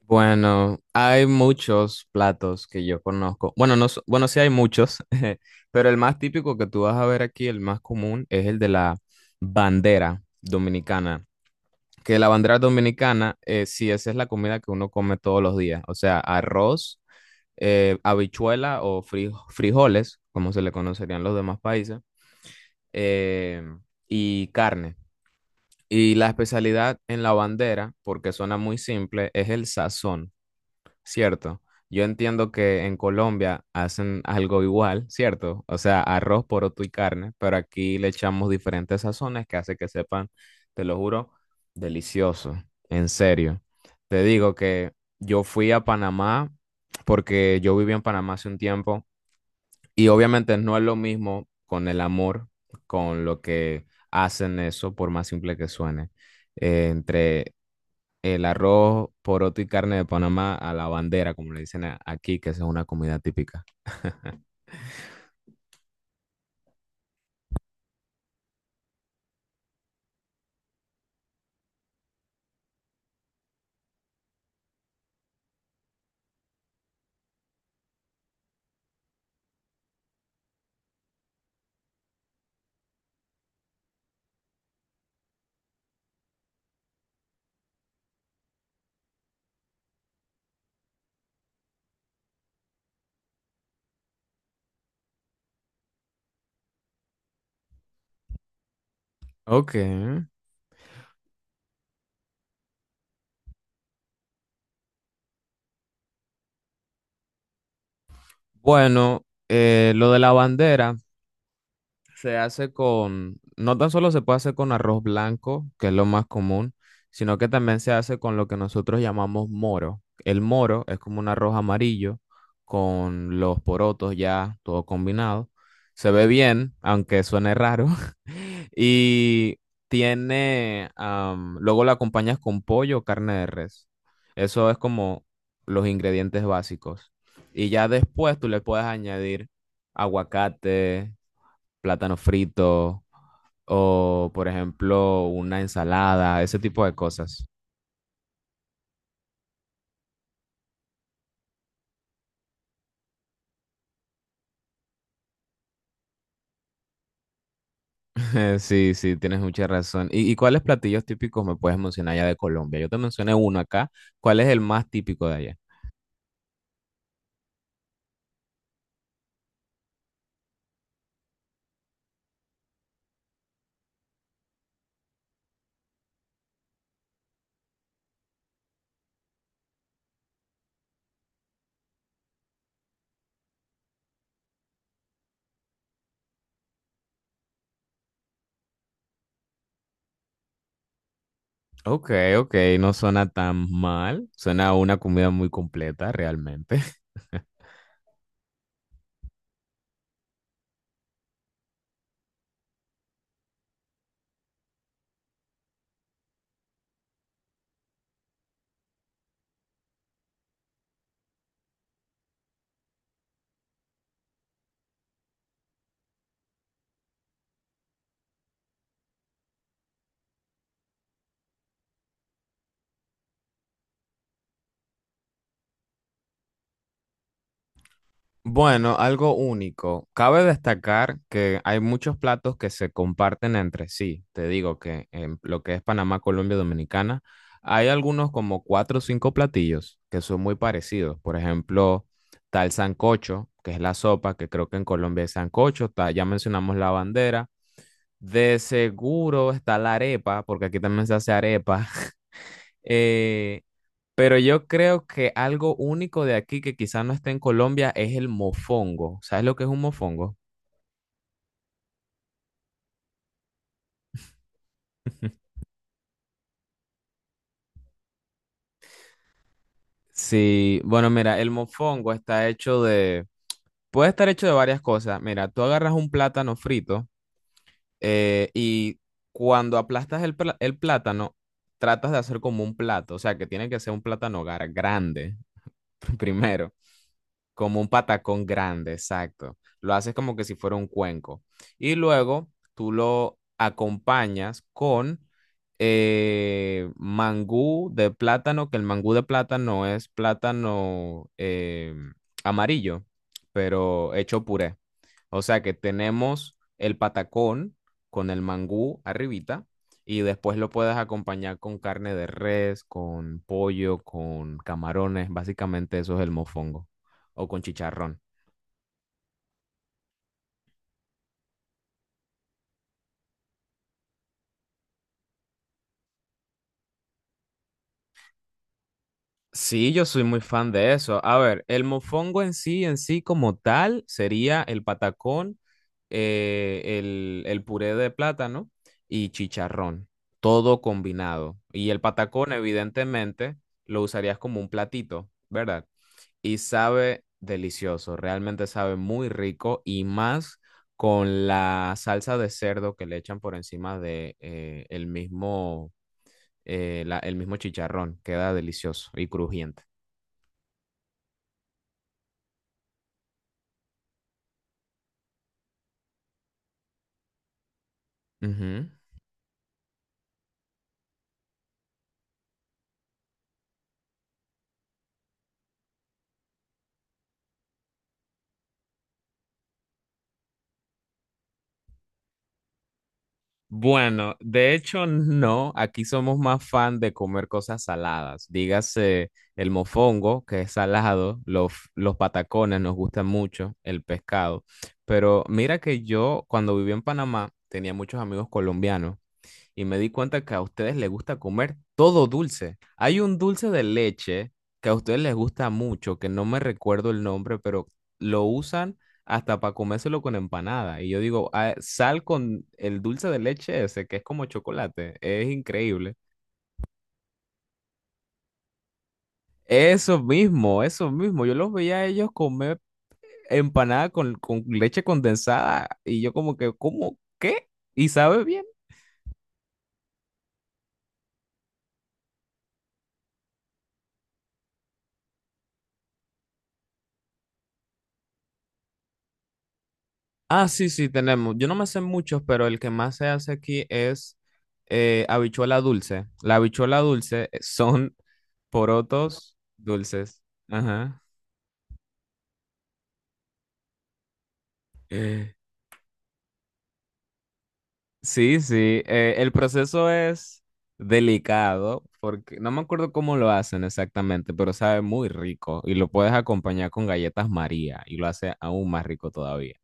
Bueno, hay muchos platos que yo conozco. Bueno, no, sí hay muchos, pero el más típico que tú vas a ver aquí, el más común, es el de la bandera dominicana. Que la bandera dominicana, sí, esa es la comida que uno come todos los días. O sea, arroz, habichuela o frijoles, como se le conocerían los demás países, eh, y carne. Y la especialidad en la bandera, porque suena muy simple, es el sazón. Cierto. Yo entiendo que en Colombia hacen algo igual, ¿cierto? O sea, arroz, poroto y carne, pero aquí le echamos diferentes sazones que hace que sepan, te lo juro, delicioso, en serio. Te digo que yo fui a Panamá porque yo viví en Panamá hace un tiempo y obviamente no es lo mismo con el amor, con lo que hacen eso, por más simple que suene, entre el arroz, poroto y carne de Panamá a la bandera, como le dicen aquí, que esa es una comida típica. Ok. Bueno, lo de la bandera. Se hace con, no tan solo se puede hacer con arroz blanco, que es lo más común, sino que también se hace con lo que nosotros llamamos moro. El moro es como un arroz amarillo con los porotos ya todo combinado. Se ve bien, aunque suene raro. Y tiene, luego lo acompañas con pollo o carne de res. Eso es como los ingredientes básicos. Y ya después tú le puedes añadir aguacate, plátano frito o, por ejemplo, una ensalada, ese tipo de cosas. Sí, sí, tienes mucha razón. Y cuáles platillos típicos me puedes mencionar ya de Colombia? Yo te mencioné uno acá. ¿Cuál es el más típico de allá? Ok, ok, no suena tan mal. Suena a una comida muy completa, realmente. Bueno, algo único. Cabe destacar que hay muchos platos que se comparten entre sí. Te digo que en lo que es Panamá, Colombia, Dominicana, hay algunos como cuatro o cinco platillos que son muy parecidos. Por ejemplo, está el sancocho, que es la sopa, que creo que en Colombia es sancocho. Está, ya mencionamos la bandera. De seguro está la arepa, porque aquí también se hace arepa. Eh, pero yo creo que algo único de aquí que quizás no esté en Colombia es el mofongo. ¿Sabes lo que es un mofongo? Sí, bueno, mira, el mofongo está hecho de, puede estar hecho de varias cosas. Mira, tú agarras un plátano frito, y cuando aplastas el, el plátano, tratas de hacer como un plato, o sea, que tiene que ser un plátano grande primero. Como un patacón grande, exacto. Lo haces como que si fuera un cuenco. Y luego tú lo acompañas con mangú de plátano, que el mangú de plátano es plátano, amarillo, pero hecho puré. O sea que tenemos el patacón con el mangú arribita y después lo puedes acompañar con carne de res, con pollo, con camarones. Básicamente eso es el mofongo o con chicharrón. Sí, yo soy muy fan de eso. A ver, el mofongo en sí como tal, sería el patacón, el puré de plátano y chicharrón, todo combinado. Y el patacón, evidentemente, lo usarías como un platito, ¿verdad? Y sabe delicioso, realmente sabe muy rico y más con la salsa de cerdo que le echan por encima de el mismo, el mismo chicharrón. Queda delicioso y crujiente. Ujú. Bueno, de hecho no, aquí somos más fan de comer cosas saladas. Dígase el mofongo, que es salado, los patacones nos gustan mucho, el pescado. Pero mira que yo cuando viví en Panamá tenía muchos amigos colombianos y me di cuenta que a ustedes les gusta comer todo dulce. Hay un dulce de leche que a ustedes les gusta mucho, que no me recuerdo el nombre, pero lo usan hasta para comérselo con empanada. Y yo digo, "Ah, sal con el dulce de leche ese, que es como chocolate. Es increíble". Eso mismo, eso mismo. Yo los veía a ellos comer empanada con leche condensada y yo como que, ¿cómo? ¿Qué? Y sabe bien. Ah, sí, sí, tenemos. Yo no me sé muchos, pero el que más se hace aquí es, habichuela dulce. La habichuela dulce, son porotos dulces. Ajá. Eh, Sí, sí. El proceso es delicado porque no me acuerdo cómo lo hacen exactamente, pero sabe muy rico y lo puedes acompañar con galletas María y lo hace aún más rico todavía.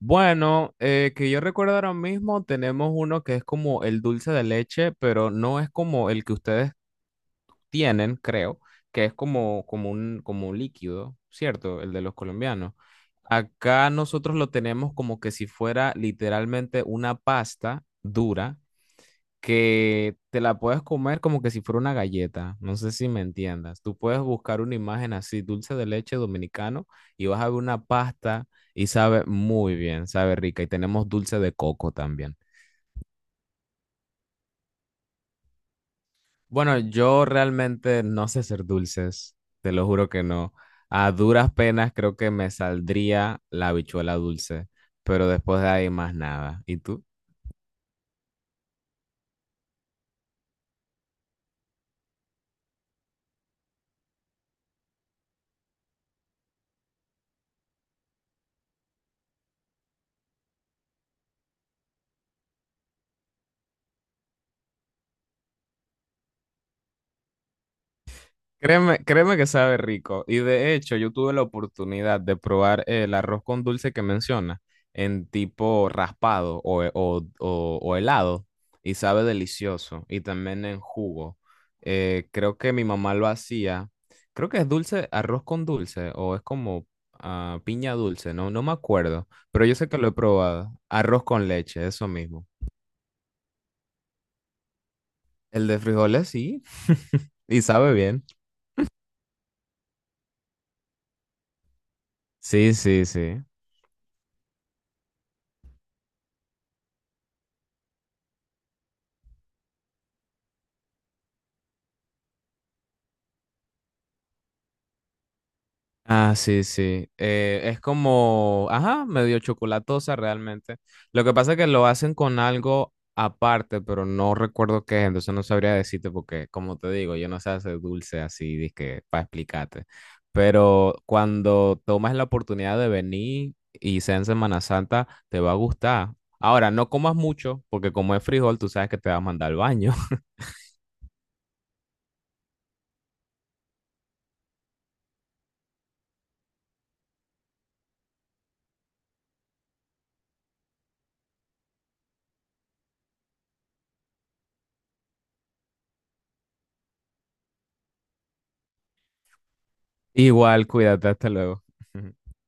Bueno, que yo recuerdo ahora mismo, tenemos uno que es como el dulce de leche, pero no es como el que ustedes tienen, creo, que es como, como un líquido, ¿cierto? El de los colombianos. Acá nosotros lo tenemos como que si fuera literalmente una pasta dura que te la puedes comer como que si fuera una galleta. No sé si me entiendas. Tú puedes buscar una imagen así, dulce de leche dominicano, y vas a ver una pasta y sabe muy bien, sabe rica. Y tenemos dulce de coco también. Bueno, yo realmente no sé hacer dulces, te lo juro que no. A duras penas creo que me saldría la habichuela dulce, pero después de ahí más nada. ¿Y tú? Créeme, créeme que sabe rico. Y de hecho, yo tuve la oportunidad de probar el arroz con dulce que menciona, en tipo raspado o, o helado y sabe delicioso. Y también en jugo. Creo que mi mamá lo hacía. Creo que es dulce, arroz con dulce o es como, ah, piña dulce, no, no me acuerdo. Pero yo sé que lo he probado. Arroz con leche, eso mismo. El de frijoles sí, y sabe bien. Sí, sí, sí. Ah, sí, sí. Es como, ajá, medio chocolatosa realmente. Lo que pasa es que lo hacen con algo aparte, pero no recuerdo qué es, entonces no sabría decirte porque, como te digo, yo no sé hacer dulce así, dizque, para explicarte. Pero cuando tomas la oportunidad de venir y sea en Semana Santa, te va a gustar. Ahora, no comas mucho, porque como es frijol, tú sabes que te va a mandar al baño. Igual, cuídate, hasta luego.